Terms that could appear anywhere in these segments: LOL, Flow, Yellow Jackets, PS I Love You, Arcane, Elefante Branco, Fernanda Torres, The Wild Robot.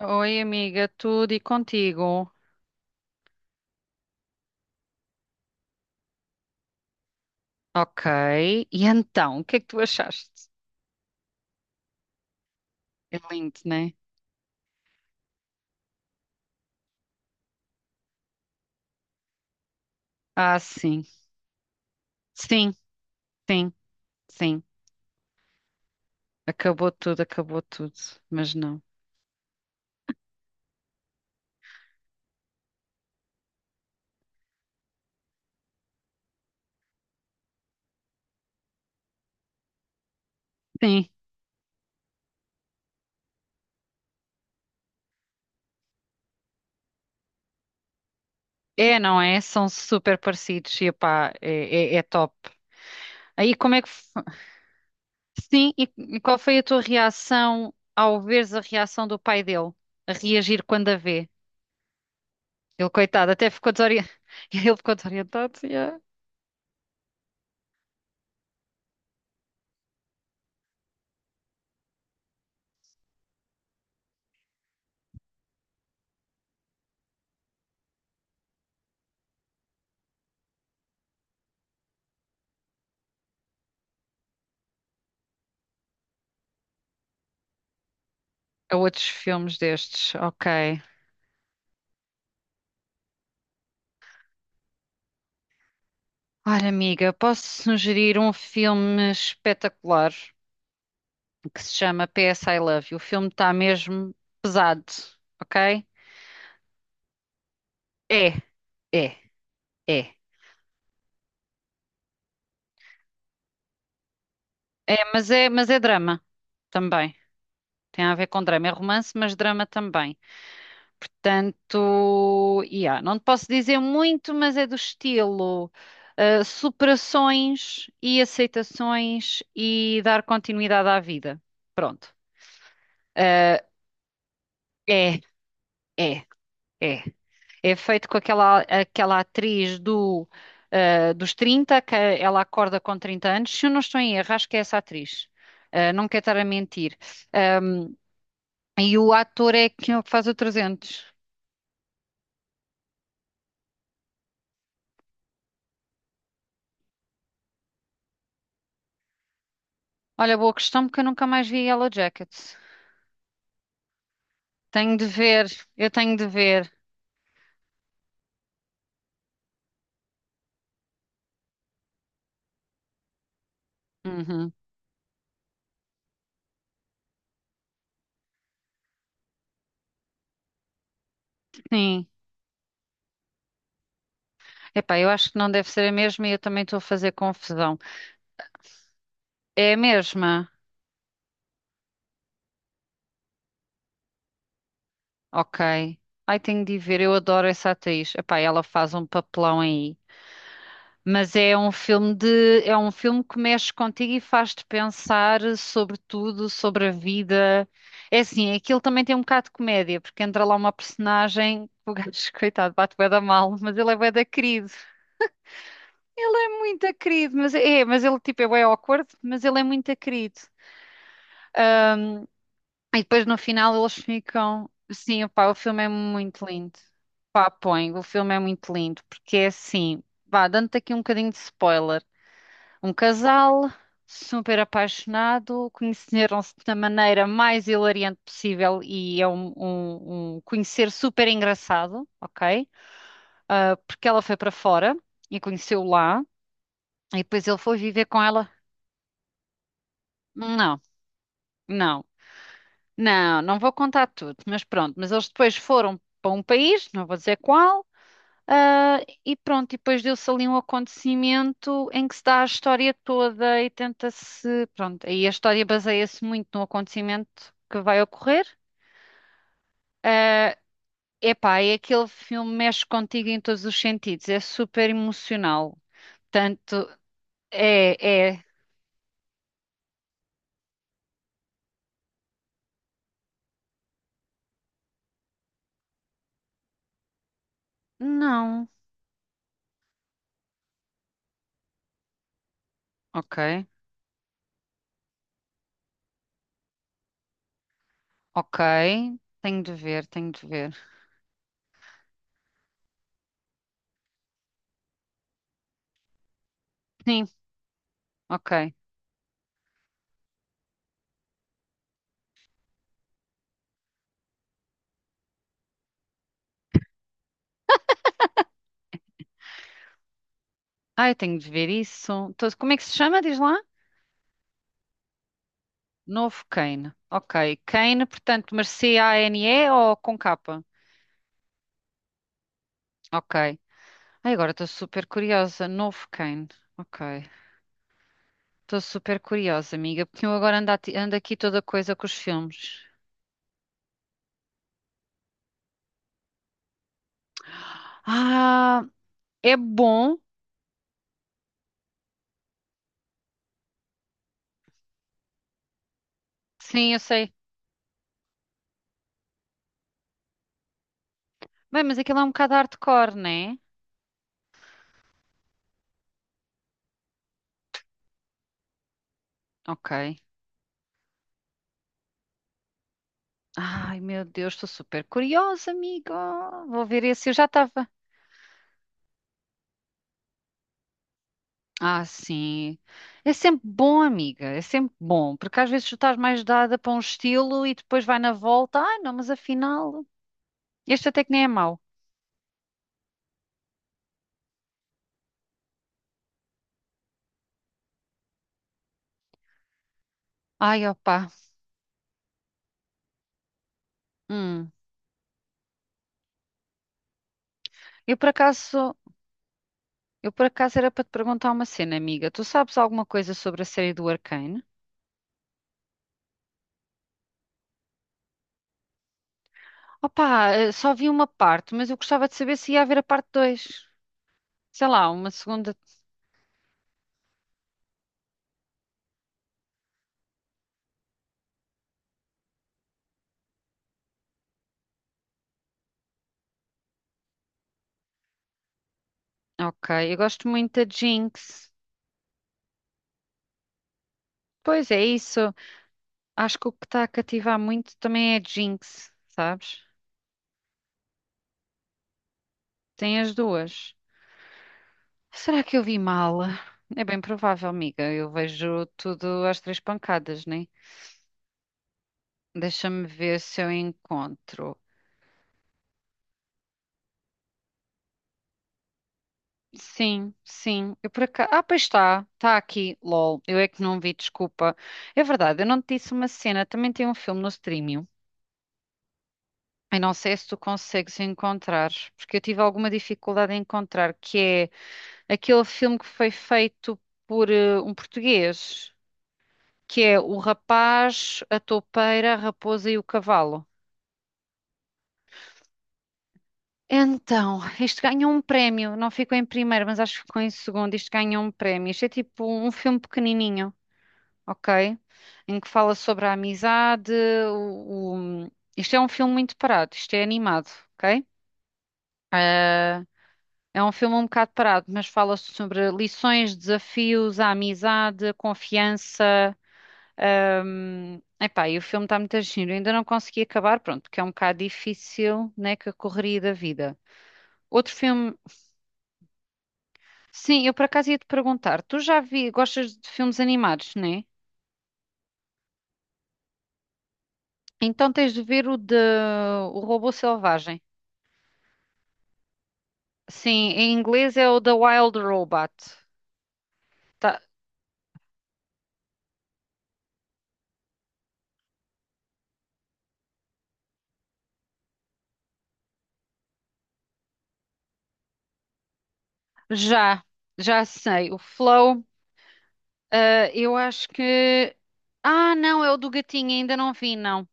Oi, amiga, tudo e contigo? Ok. E então, o que é que tu achaste? É lindo, né? Ah, sim. Sim, sim, sim. Acabou tudo, acabou tudo. Mas não. Sim. É, não é? São super parecidos. E epá, é top. Aí como é que. Sim, e qual foi a tua reação ao veres a reação do pai dele? A reagir quando a vê? Ele, coitado, até ficou desorientado. Ele ficou desorientado. Yeah. A outros filmes destes, ok. Olha, amiga, posso sugerir um filme espetacular que se chama PS I Love You. O filme está mesmo pesado, ok? É, é, é. É, mas é, mas é drama também. Tem a ver com drama. É romance, mas drama também. Portanto, yeah, não te posso dizer muito, mas é do estilo superações e aceitações e dar continuidade à vida. Pronto. Uh, é, é. É. É feito com aquela atriz do, dos 30 que ela acorda com 30 anos. Se eu não estou em erro, acho que é essa atriz. Ah, não quero estar a mentir. Ahm, e o ator é que faz o 300. Olha, boa questão, porque eu nunca mais vi Yellow Jackets. Tenho de ver, eu tenho de ver. Uhum. Sim. Epá, eu acho que não deve ser a mesma e eu também estou a fazer confusão. É a mesma? Ok. Ai, tenho de ir ver, eu adoro essa atriz. Epá, ela faz um papelão aí. Mas é um filme de, é um filme que mexe contigo e faz-te pensar sobre tudo, sobre a vida. É assim, aquilo também tem um bocado de comédia, porque entra lá uma personagem, o gajo, coitado, bate bué da mal, mas ele é bué da querido. Ele é muito querido, mas é, mas ele tipo é bué awkward, mas ele é muito querido. E depois no final eles ficam, sim, pá, o filme é muito lindo. Pá, põe, o filme é muito lindo, porque é assim, vá, dando-te aqui um bocadinho de spoiler. Um casal super apaixonado, conheceram-se da maneira mais hilariante possível e é um, um conhecer super engraçado, ok? Ah, porque ela foi para fora e conheceu lá e depois ele foi viver com ela. Não, não, não, não vou contar tudo, mas pronto. Mas eles depois foram para um país, não vou dizer qual. Ah, e pronto, e depois deu-se ali um acontecimento em que se dá a história toda e tenta-se. Pronto, aí a história baseia-se muito no acontecimento que vai ocorrer. Ah, epá, é aquele filme que mexe contigo em todos os sentidos, é super emocional. Tanto é, é. Não. Ok, ok. Tenho de ver, tenho de ver. Sim, ok. Ai, tenho de ver isso. Tô- Como é que se chama? Diz lá. Novo Kane. Ok. Kane, portanto, mas C-A-N-E ou com capa? Ok. Ai, agora estou super curiosa. Novo Kane. Ok. Estou super curiosa, amiga, porque eu agora ando, ati- ando aqui toda coisa com os filmes. Ah, é bom. Sim, eu sei. Bem, mas aquilo é um bocado hardcore, né? Ok. Ai, meu Deus, estou super curiosa, amiga. Vou ver esse. Eu já estava. Ah, sim. É sempre bom, amiga, é sempre bom, porque às vezes tu estás mais dada para um estilo e depois vai na volta, ai não, mas afinal, este até que nem é mau. Ai, opá. Hum. Eu por acaso, eu por acaso era para te perguntar uma cena, amiga. Tu sabes alguma coisa sobre a série do Arcane? Opá, só vi uma parte, mas eu gostava de saber se ia haver a parte 2. Sei lá, uma segunda. Ok, eu gosto muito da Jinx. Pois é isso. Acho que o que está a cativar muito também é a Jinx, sabes? Tem as duas. Será que eu vi mal? É bem provável, amiga. Eu vejo tudo às três pancadas, né? Deixa-me ver se eu encontro. Sim, sim. Eu por acaso... Ah, pois está. Está aqui. LOL. Eu é que não vi, desculpa. É verdade, eu não te disse uma cena. Também tem um filme no streaming. Eu não sei se tu consegues encontrar, porque eu tive alguma dificuldade em encontrar, que é aquele filme que foi feito por um português. Que é o rapaz, a toupeira, a raposa e o cavalo. Então, isto ganhou um prémio. Não ficou em primeiro, mas acho que ficou em segundo. Isto ganhou um prémio. Isto é tipo um filme pequenininho, ok? Em que fala sobre a amizade. O, o- Isto é um filme muito parado. Isto é animado, ok? Ah, é um filme um bocado parado, mas fala sobre lições, desafios, a amizade, a confiança. Epá, e o filme está muito giro, eu ainda não consegui acabar, pronto, porque é um bocado difícil, né, que a correria da vida. Outro filme, sim, eu por acaso ia te perguntar, tu já vi, gostas de filmes animados, né? Então tens de ver o de O Robô Selvagem. Sim, em inglês é o The Wild Robot. Tá, já, já sei. O Flow, eu acho que. Ah, não, é o do gatinho, ainda não vi, não.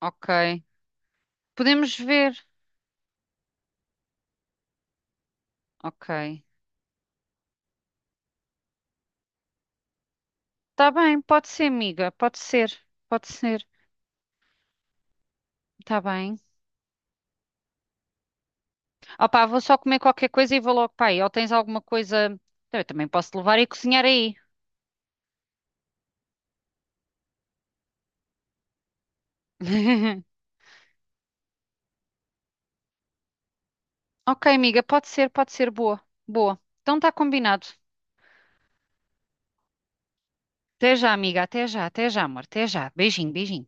Ok. Podemos ver. Ok. Tá bem, pode ser, amiga. Pode ser. Pode ser. Tá bem. Opá, vou só comer qualquer coisa e vou logo para aí. Ou tens alguma coisa. Eu também posso levar e cozinhar aí. Ok, amiga, pode ser, pode ser. Boa. Boa. Então tá combinado. Até já, amiga. Até já, amor. Até já. Beijinho, beijinho.